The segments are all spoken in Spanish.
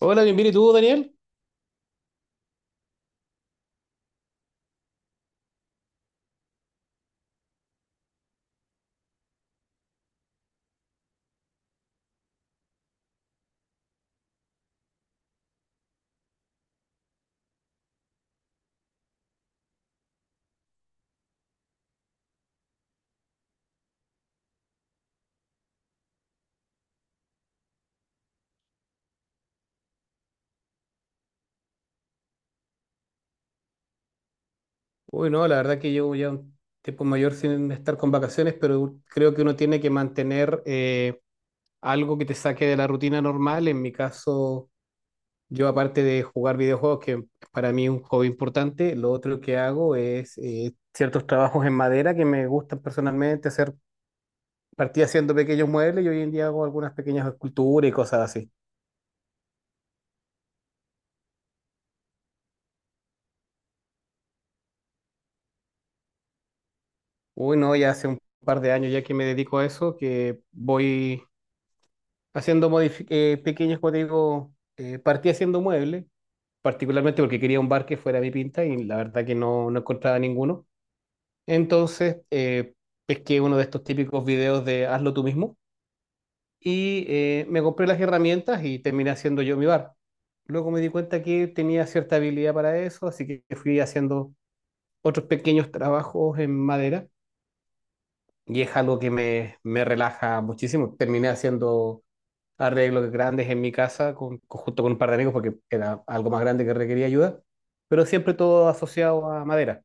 Hola, bienvenido. ¿Y tú, Daniel? Uy, no, la verdad que llevo ya un tiempo mayor sin estar con vacaciones, pero creo que uno tiene que mantener algo que te saque de la rutina normal. En mi caso, yo aparte de jugar videojuegos, que para mí es un hobby importante, lo otro que hago es ciertos trabajos en madera que me gustan personalmente, hacer, partí haciendo pequeños muebles y hoy en día hago algunas pequeñas esculturas y cosas así. Uy, no, ya hace un par de años ya que me dedico a eso, que voy haciendo pequeños, como te digo, partí haciendo muebles, particularmente porque quería un bar que fuera mi pinta y la verdad que no, no encontraba ninguno. Entonces, pesqué uno de estos típicos videos de hazlo tú mismo y me compré las herramientas y terminé haciendo yo mi bar. Luego me di cuenta que tenía cierta habilidad para eso, así que fui haciendo otros pequeños trabajos en madera y es algo que me relaja muchísimo. Terminé haciendo arreglos grandes en mi casa junto con un par de amigos porque era algo más grande que requería ayuda, pero siempre todo asociado a madera.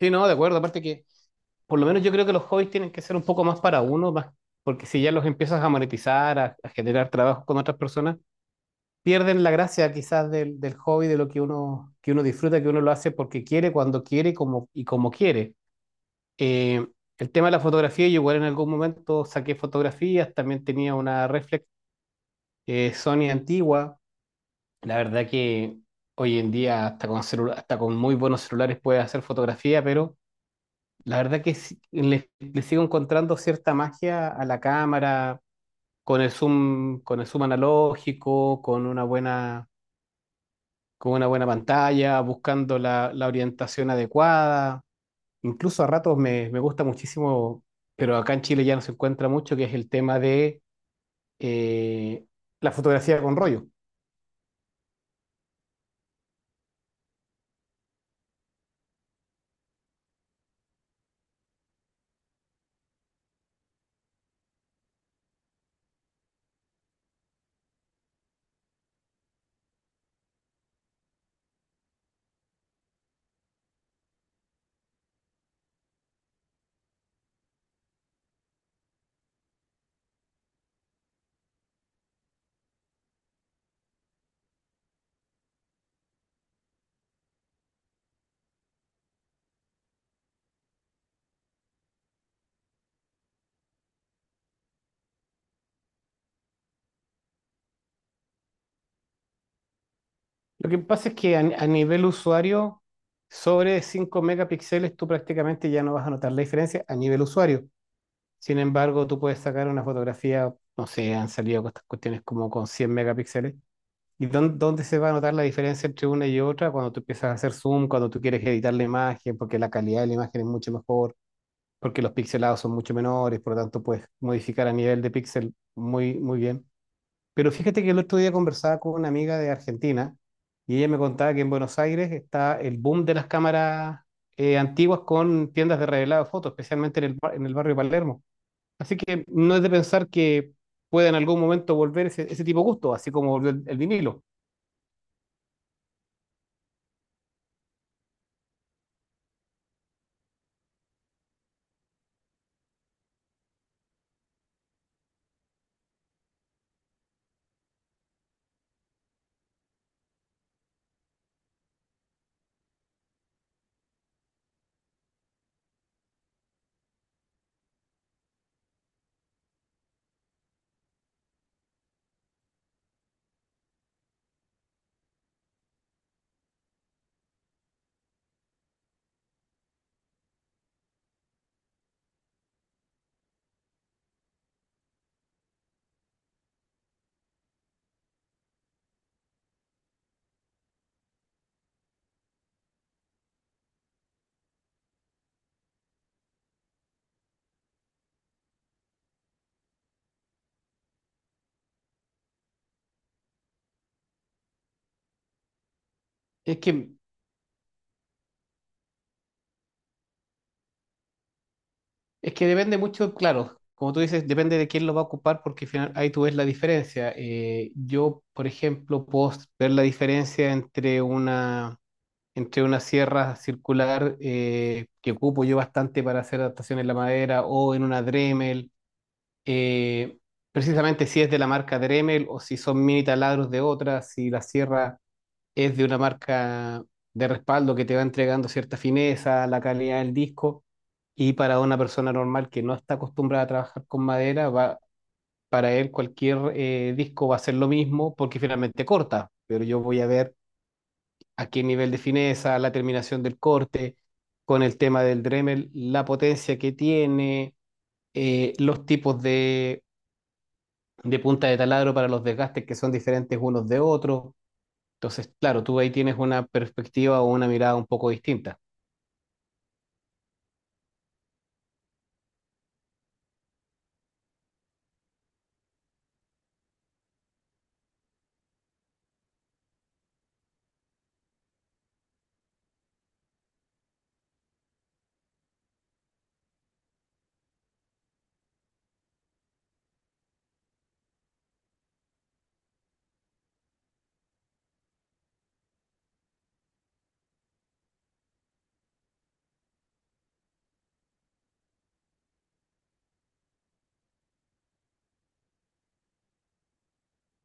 Sí, no, de acuerdo, aparte que por lo menos yo creo que los hobbies tienen que ser un poco más para uno, más, porque si ya los empiezas a monetizar, a generar trabajo con otras personas, pierden la gracia quizás del hobby, de lo que uno disfruta, que uno lo hace porque quiere, cuando quiere como, y como quiere. Eh, el tema de la fotografía, yo igual en algún momento saqué fotografías, también tenía una reflex Sony antigua. La verdad que hoy en día hasta con muy buenos celulares puedes hacer fotografía, pero la verdad que le sigo encontrando cierta magia a la cámara, con el zoom analógico, con una buena pantalla, buscando la orientación adecuada. Incluso a ratos me gusta muchísimo, pero acá en Chile ya no se encuentra mucho, que es el tema de eh, la fotografía con rollo. Lo que pasa es que a nivel usuario, sobre 5 megapíxeles tú prácticamente ya no vas a notar la diferencia a nivel usuario. Sin embargo, tú puedes sacar una fotografía, no sé, han salido estas cuestiones como con 100 megapíxeles. ¿Y dónde se va a notar la diferencia entre una y otra? Cuando tú empiezas a hacer zoom, cuando tú quieres editar la imagen, porque la calidad de la imagen es mucho mejor, porque los pixelados son mucho menores, por lo tanto puedes modificar a nivel de píxel muy bien. Pero fíjate que el otro día conversaba con una amiga de Argentina y ella me contaba que en Buenos Aires está el boom de las cámaras antiguas con tiendas de revelado de fotos, especialmente en en el barrio Palermo. Así que no es de pensar que pueda en algún momento volver ese tipo de gusto, así como volvió el vinilo. Es que, es que depende mucho, claro, como tú dices, depende de quién lo va a ocupar porque al final ahí tú ves la diferencia. Yo, por ejemplo, puedo ver la diferencia entre una sierra circular que ocupo yo bastante para hacer adaptaciones en la madera o en una Dremel. Eh, precisamente si es de la marca Dremel o si son mini taladros de otra, si la sierra es de una marca de respaldo que te va entregando cierta fineza, la calidad del disco. Y para una persona normal que no está acostumbrada a trabajar con madera, va, para él cualquier disco va a ser lo mismo porque finalmente corta, pero yo voy a ver a qué nivel de fineza, la terminación del corte, con el tema del Dremel, la potencia que tiene, los tipos de punta de taladro para los desgastes que son diferentes unos de otros. Entonces, claro, tú ahí tienes una perspectiva o una mirada un poco distinta.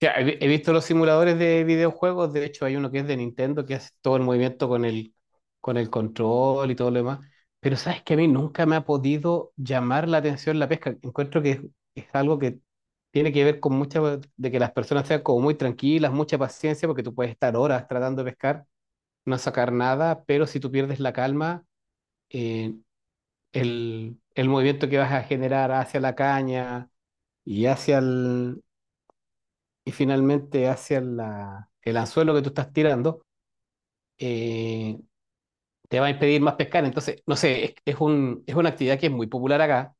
Sí, he visto los simuladores de videojuegos, de hecho hay uno que es de Nintendo que hace todo el movimiento con con el control y todo lo demás, pero sabes que a mí nunca me ha podido llamar la atención la pesca. Encuentro que es algo que tiene que ver con mucha, de que las personas sean como muy tranquilas, mucha paciencia, porque tú puedes estar horas tratando de pescar, no sacar nada, pero si tú pierdes la calma, eh, el movimiento que vas a generar hacia la caña y hacia el, y finalmente hacia el anzuelo que tú estás tirando, eh, te va a impedir más pescar. Entonces, no sé, es un, es una actividad que es muy popular acá,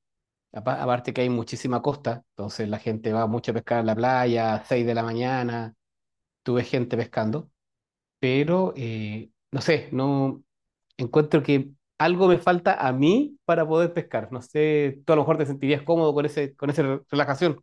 aparte que hay muchísima costa, entonces la gente va mucho a pescar a la playa, a 6 de la mañana, tú ves gente pescando, pero no sé, no encuentro que algo me falta a mí para poder pescar. No sé, tú a lo mejor te sentirías cómodo con ese, con esa relajación.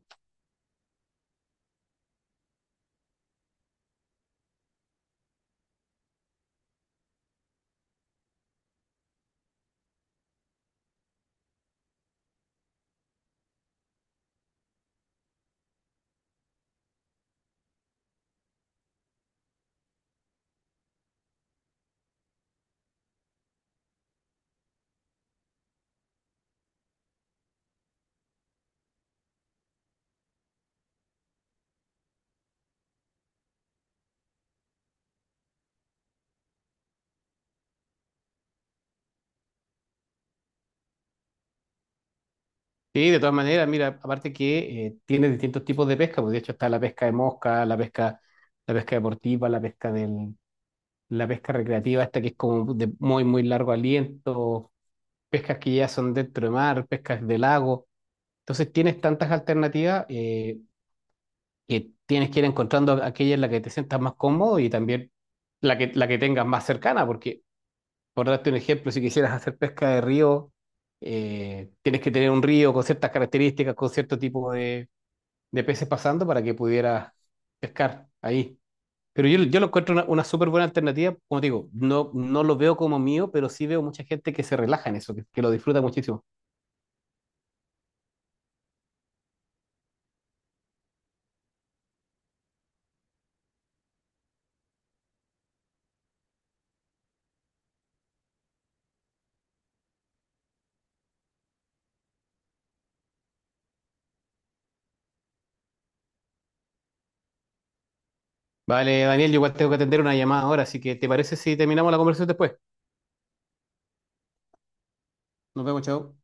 Sí, de todas maneras, mira, aparte que tiene distintos tipos de pesca, pues de hecho está la pesca de mosca, la pesca deportiva, la pesca del, la pesca recreativa, esta que es como de muy, muy largo aliento, pescas que ya son dentro de mar, pescas de lago. Entonces tienes tantas alternativas que tienes que ir encontrando aquella en la que te sientas más cómodo y también la que tengas más cercana, porque por darte un ejemplo, si quisieras hacer pesca de río, tienes que tener un río con ciertas características, con cierto tipo de peces pasando para que pudiera pescar ahí. Pero yo lo encuentro una súper buena alternativa. Como te digo, no, no lo veo como mío, pero sí veo mucha gente que se relaja en eso, que lo disfruta muchísimo. Vale, Daniel, yo igual tengo que atender una llamada ahora, así que ¿te parece si terminamos la conversación después? Nos vemos, chao.